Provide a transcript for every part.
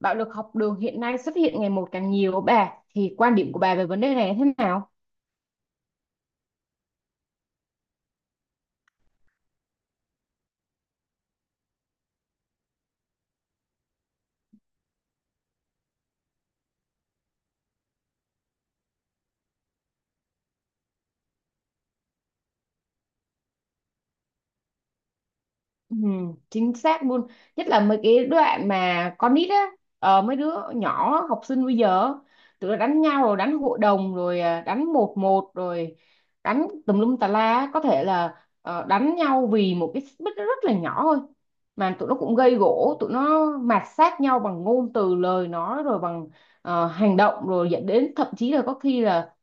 Bạo lực học đường hiện nay xuất hiện ngày một càng nhiều bà thì quan điểm của bà về vấn đề này thế nào? Ừ, chính xác luôn. Nhất là mấy cái đoạn mà con nít á, mấy đứa nhỏ học sinh bây giờ tụi nó đánh nhau rồi đánh hội đồng rồi, à, đánh một một rồi, đánh tùm lum tà la á. Có thể là, đánh nhau vì một cái xích mích nó rất là nhỏ thôi, mà tụi nó cũng gây gổ, tụi nó mạt sát nhau bằng ngôn từ, lời nói rồi bằng hành động, rồi dẫn đến thậm chí là có khi là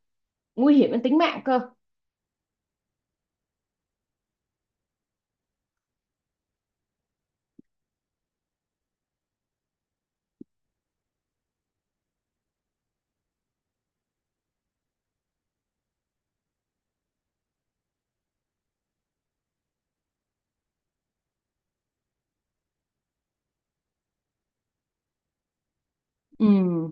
nguy hiểm đến tính mạng cơ. Ừ.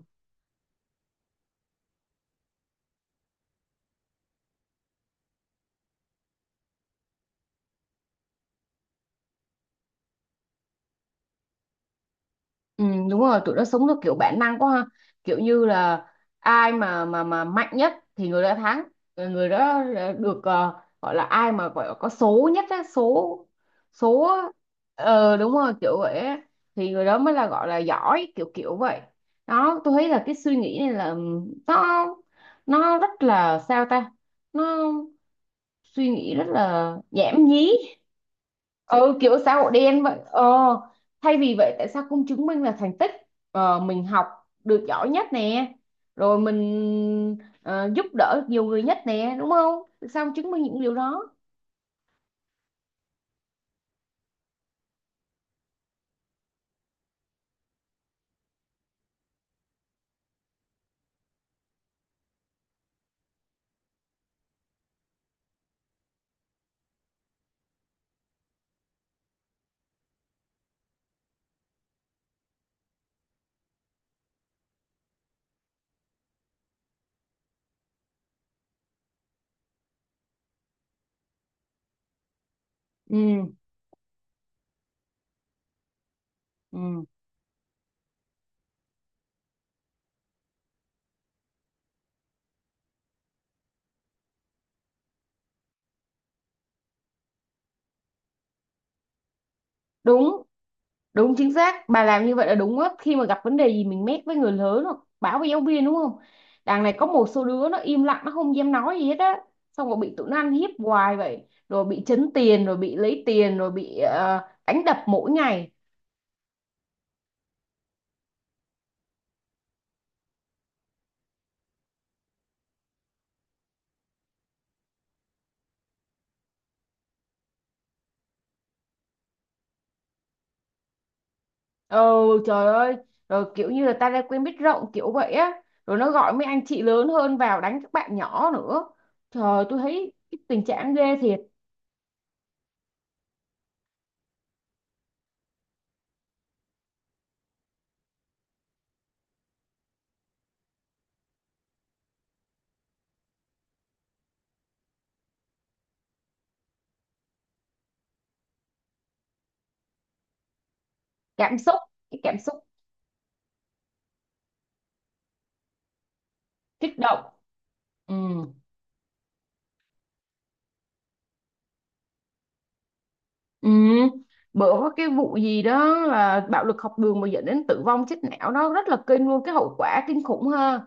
Ừ, đúng rồi, tụi nó sống theo kiểu bản năng quá ha, kiểu như là ai mà mạnh nhất thì người đó thắng. Ờ, người đó được, gọi là ai mà gọi là có số nhất á, số số á. Ờ, đúng rồi kiểu vậy á. Thì người đó mới là gọi là giỏi kiểu kiểu vậy. Đó, tôi thấy là cái suy nghĩ này là, nó rất là sao ta, nó suy nghĩ rất là nhảm nhí. Ừ, kiểu xã hội đen vậy, thay vì vậy tại sao không chứng minh là thành tích, mình học được giỏi nhất nè, rồi mình giúp đỡ nhiều người nhất nè, đúng không? Tại sao không chứng minh những điều đó? Ừ, ừ, đúng, đúng chính xác. Bà làm như vậy là đúng á, khi mà gặp vấn đề gì mình mét với người lớn hoặc báo với giáo viên, đúng không? Đằng này có một số đứa nó im lặng, nó không dám nói gì hết á, xong rồi bị tụi nó ăn hiếp hoài vậy, rồi bị trấn tiền, rồi bị lấy tiền, rồi bị đánh đập mỗi ngày. Ừ, trời ơi. Rồi kiểu như là ta đã quen biết rộng kiểu vậy á. Rồi nó gọi mấy anh chị lớn hơn vào đánh các bạn nhỏ nữa. Trời, tôi thấy cái tình trạng ghê thiệt. Cảm xúc. Cái cảm xúc kích động. Ừ. Ừ. Bữa có cái vụ gì đó là bạo lực học đường mà dẫn đến tử vong, chết não. Nó rất là kinh luôn. Cái hậu quả kinh khủng ha.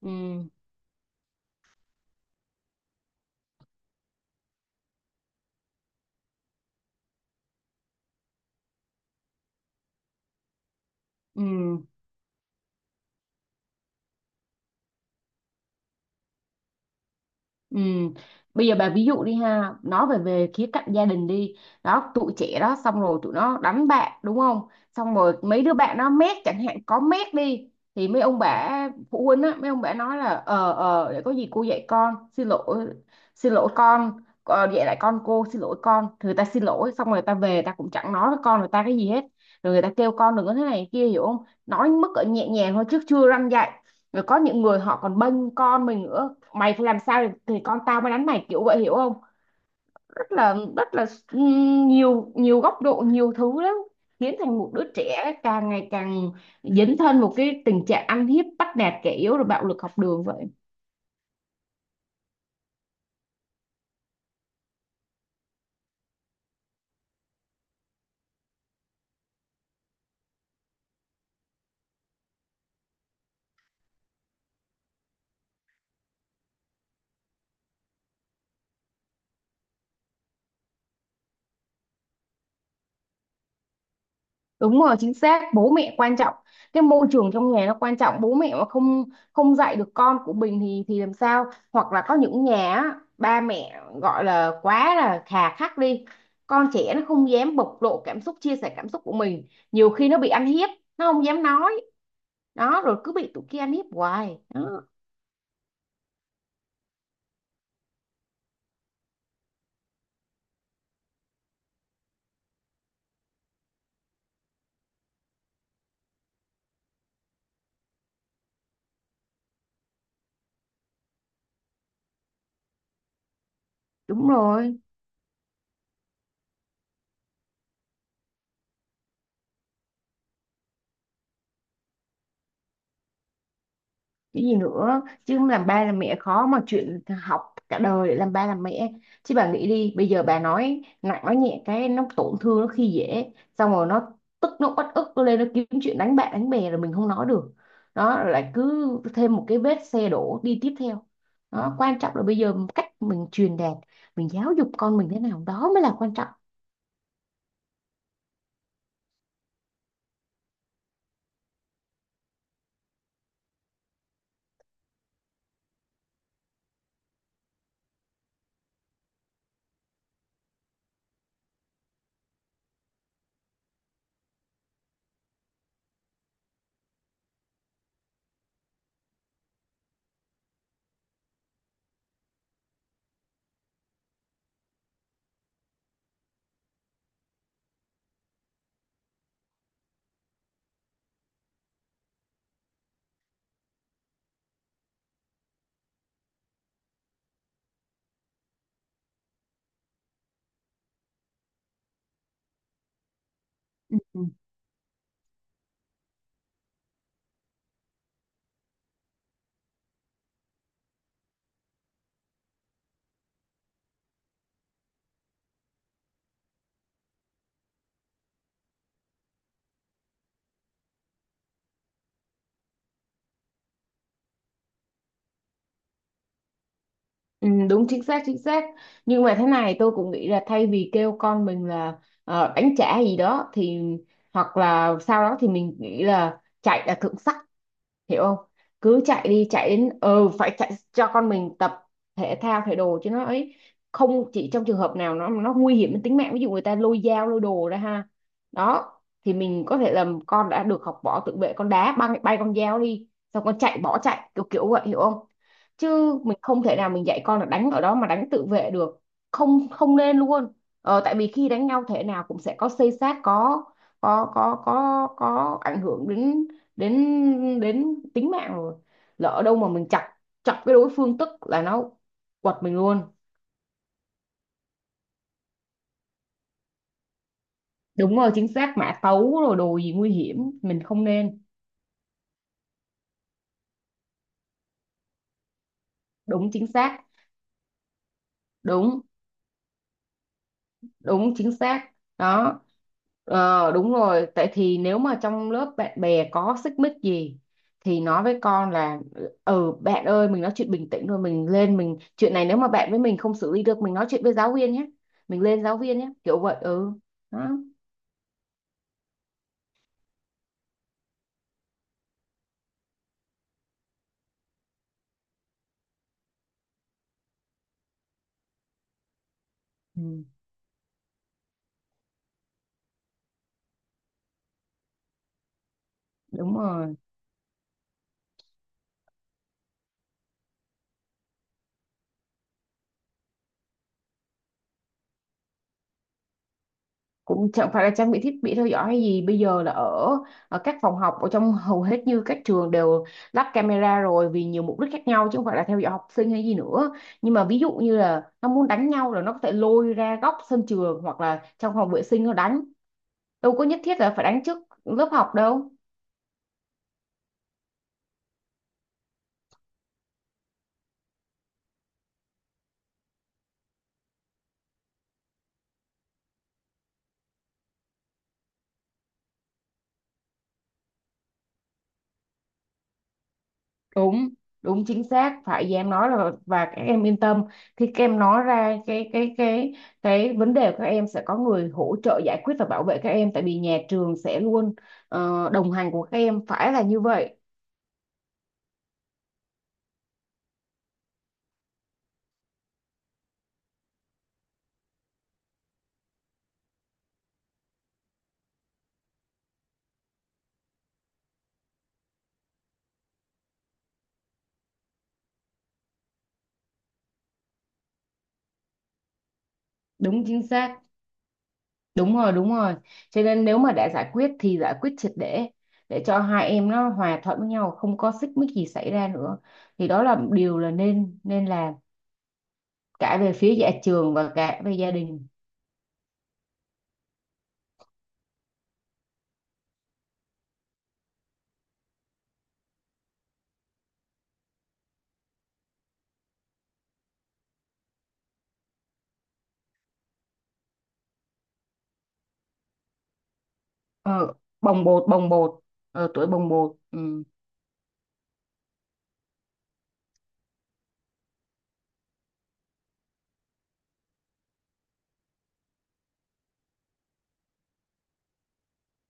Ừ. Ừ. Ừ. Bây giờ bà ví dụ đi ha, nói về về khía cạnh gia đình đi. Đó, tụi trẻ đó, xong rồi tụi nó đánh bạn đúng không? Xong rồi mấy đứa bạn nó mét chẳng hạn, có mét đi, thì mấy ông bà phụ huynh á, mấy ông bà nói là, để có gì cô dạy con, xin lỗi, xin lỗi con, dạy lại con, cô xin lỗi con. Thì người ta xin lỗi xong rồi người ta về, ta cũng chẳng nói với con người ta cái gì hết. Rồi người ta kêu con đừng có thế này kia, hiểu không? Nói mức ở nhẹ nhàng thôi chứ chưa răn dạy. Rồi có những người họ còn bênh con mình nữa, mày phải làm sao thì, con tao mới đánh mày, kiểu vậy, hiểu không? Rất là, rất là, nhiều nhiều góc độ, nhiều thứ lắm, khiến thành một đứa trẻ càng ngày càng dấn thân một cái tình trạng ăn hiếp bắt nạt kẻ yếu, rồi bạo lực học đường vậy. Đúng rồi, chính xác, bố mẹ quan trọng. Cái môi trường trong nhà nó quan trọng, bố mẹ mà không không dạy được con của mình thì làm sao? Hoặc là có những nhà á, ba mẹ gọi là quá là khà khắc đi. Con trẻ nó không dám bộc lộ cảm xúc, chia sẻ cảm xúc của mình. Nhiều khi nó bị ăn hiếp, nó không dám nói. Đó, rồi cứ bị tụi kia ăn hiếp hoài. Đó, đúng rồi. Cái gì nữa chứ, không làm ba làm mẹ khó mà, chuyện học cả đời để làm ba làm mẹ. Chứ bà nghĩ đi, bây giờ bà nói nặng nói nhẹ cái nó tổn thương, nó khi dễ, xong rồi nó tức, nó uất ức, nó lên, nó kiếm chuyện đánh bạn đánh bè rồi mình không nói được. Đó, rồi lại cứ thêm một cái vết xe đổ đi tiếp theo. Đó, quan trọng là bây giờ cách mình truyền đạt, mình giáo dục con mình thế nào đó mới là quan trọng. Ừ. Ừ, đúng, chính xác, chính xác. Nhưng mà thế này tôi cũng nghĩ là, thay vì kêu con mình là đánh trả gì đó thì, hoặc là sau đó thì mình nghĩ là chạy là thượng sách, hiểu không? Cứ chạy đi, chạy đến phải chạy, cho con mình tập thể thao thể đồ chứ nó ấy. Không chỉ trong trường hợp nào nó nguy hiểm đến tính mạng, ví dụ người ta lôi dao lôi đồ ra ha. Đó, thì mình có thể làm con đã được học võ tự vệ, con đá bay, bay con dao đi, xong con chạy, bỏ chạy, kiểu kiểu vậy, hiểu không? Chứ mình không thể nào mình dạy con là đánh ở đó mà đánh tự vệ được. Không, không nên luôn. Tại vì khi đánh nhau thế nào cũng sẽ có xây xát, có có ảnh hưởng đến, đến tính mạng rồi. Lỡ đâu mà mình chọc, cái đối phương tức là nó quật mình luôn. Đúng rồi chính xác, mã tấu rồi đồ gì nguy hiểm, mình không nên. Đúng, chính xác, đúng, đúng, chính xác đó. Ờ đúng rồi, tại thì nếu mà trong lớp bạn bè có xích mích gì thì nói với con là, ừ bạn ơi, mình nói chuyện bình tĩnh rồi mình lên mình chuyện này, nếu mà bạn với mình không xử lý được mình nói chuyện với giáo viên nhé. Mình lên giáo viên nhé, kiểu vậy ừ. Đó. Ừ, đúng rồi. Cũng chẳng phải là trang bị thiết bị theo dõi hay gì, bây giờ là ở các phòng học ở trong hầu hết như các trường đều lắp camera rồi, vì nhiều mục đích khác nhau chứ không phải là theo dõi học sinh hay gì nữa. Nhưng mà ví dụ như là nó muốn đánh nhau là nó có thể lôi ra góc sân trường hoặc là trong phòng vệ sinh nó đánh, đâu có nhất thiết là phải đánh trước lớp học đâu. Đúng, đúng, chính xác. Phải với em nói là, và các em yên tâm, khi các em nói ra cái vấn đề của các em sẽ có người hỗ trợ giải quyết và bảo vệ các em, tại vì nhà trường sẽ luôn đồng hành của các em, phải là như vậy. Đúng chính xác, đúng rồi, đúng rồi. Cho nên nếu mà đã giải quyết thì giải quyết triệt để cho hai em nó hòa thuận với nhau, không có xích mích gì xảy ra nữa, thì đó là điều là nên nên làm, cả về phía nhà trường và cả về gia đình. ờ, Bồng bột, bồng bột. Tuổi bồng bột, ừ.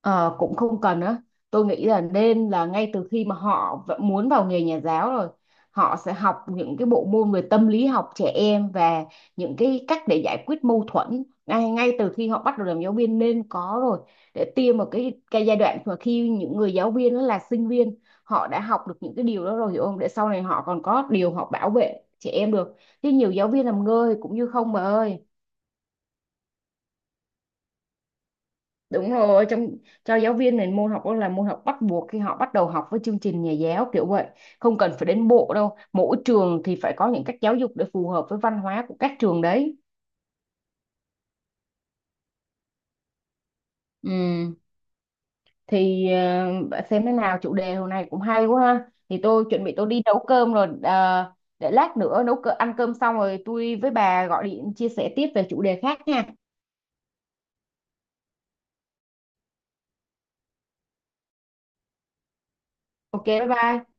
Ờ, Cũng không cần á, tôi nghĩ là nên là ngay từ khi mà họ muốn vào nghề nhà giáo rồi, họ sẽ học những cái bộ môn về tâm lý học trẻ em và những cái cách để giải quyết mâu thuẫn, ngay ngay từ khi họ bắt đầu làm giáo viên nên có rồi, để tiêm vào cái giai đoạn mà khi những người giáo viên đó là sinh viên họ đã học được những cái điều đó rồi, hiểu không? Để sau này họ còn có điều họ bảo vệ trẻ em được, chứ nhiều giáo viên làm ngơ thì cũng như không bà ơi. Đúng rồi, trong cho giáo viên này môn học đó là môn học bắt buộc khi họ bắt đầu học với chương trình nhà giáo kiểu vậy, không cần phải đến bộ đâu, mỗi trường thì phải có những cách giáo dục để phù hợp với văn hóa của các trường đấy. Ừ. Thì, bạn xem thế nào, chủ đề hôm nay cũng hay quá ha, thì tôi chuẩn bị tôi đi nấu cơm rồi, để lát nữa nấu cơm, ăn cơm xong rồi tôi với bà gọi điện chia sẻ tiếp về chủ đề khác nha. OK, bye bye.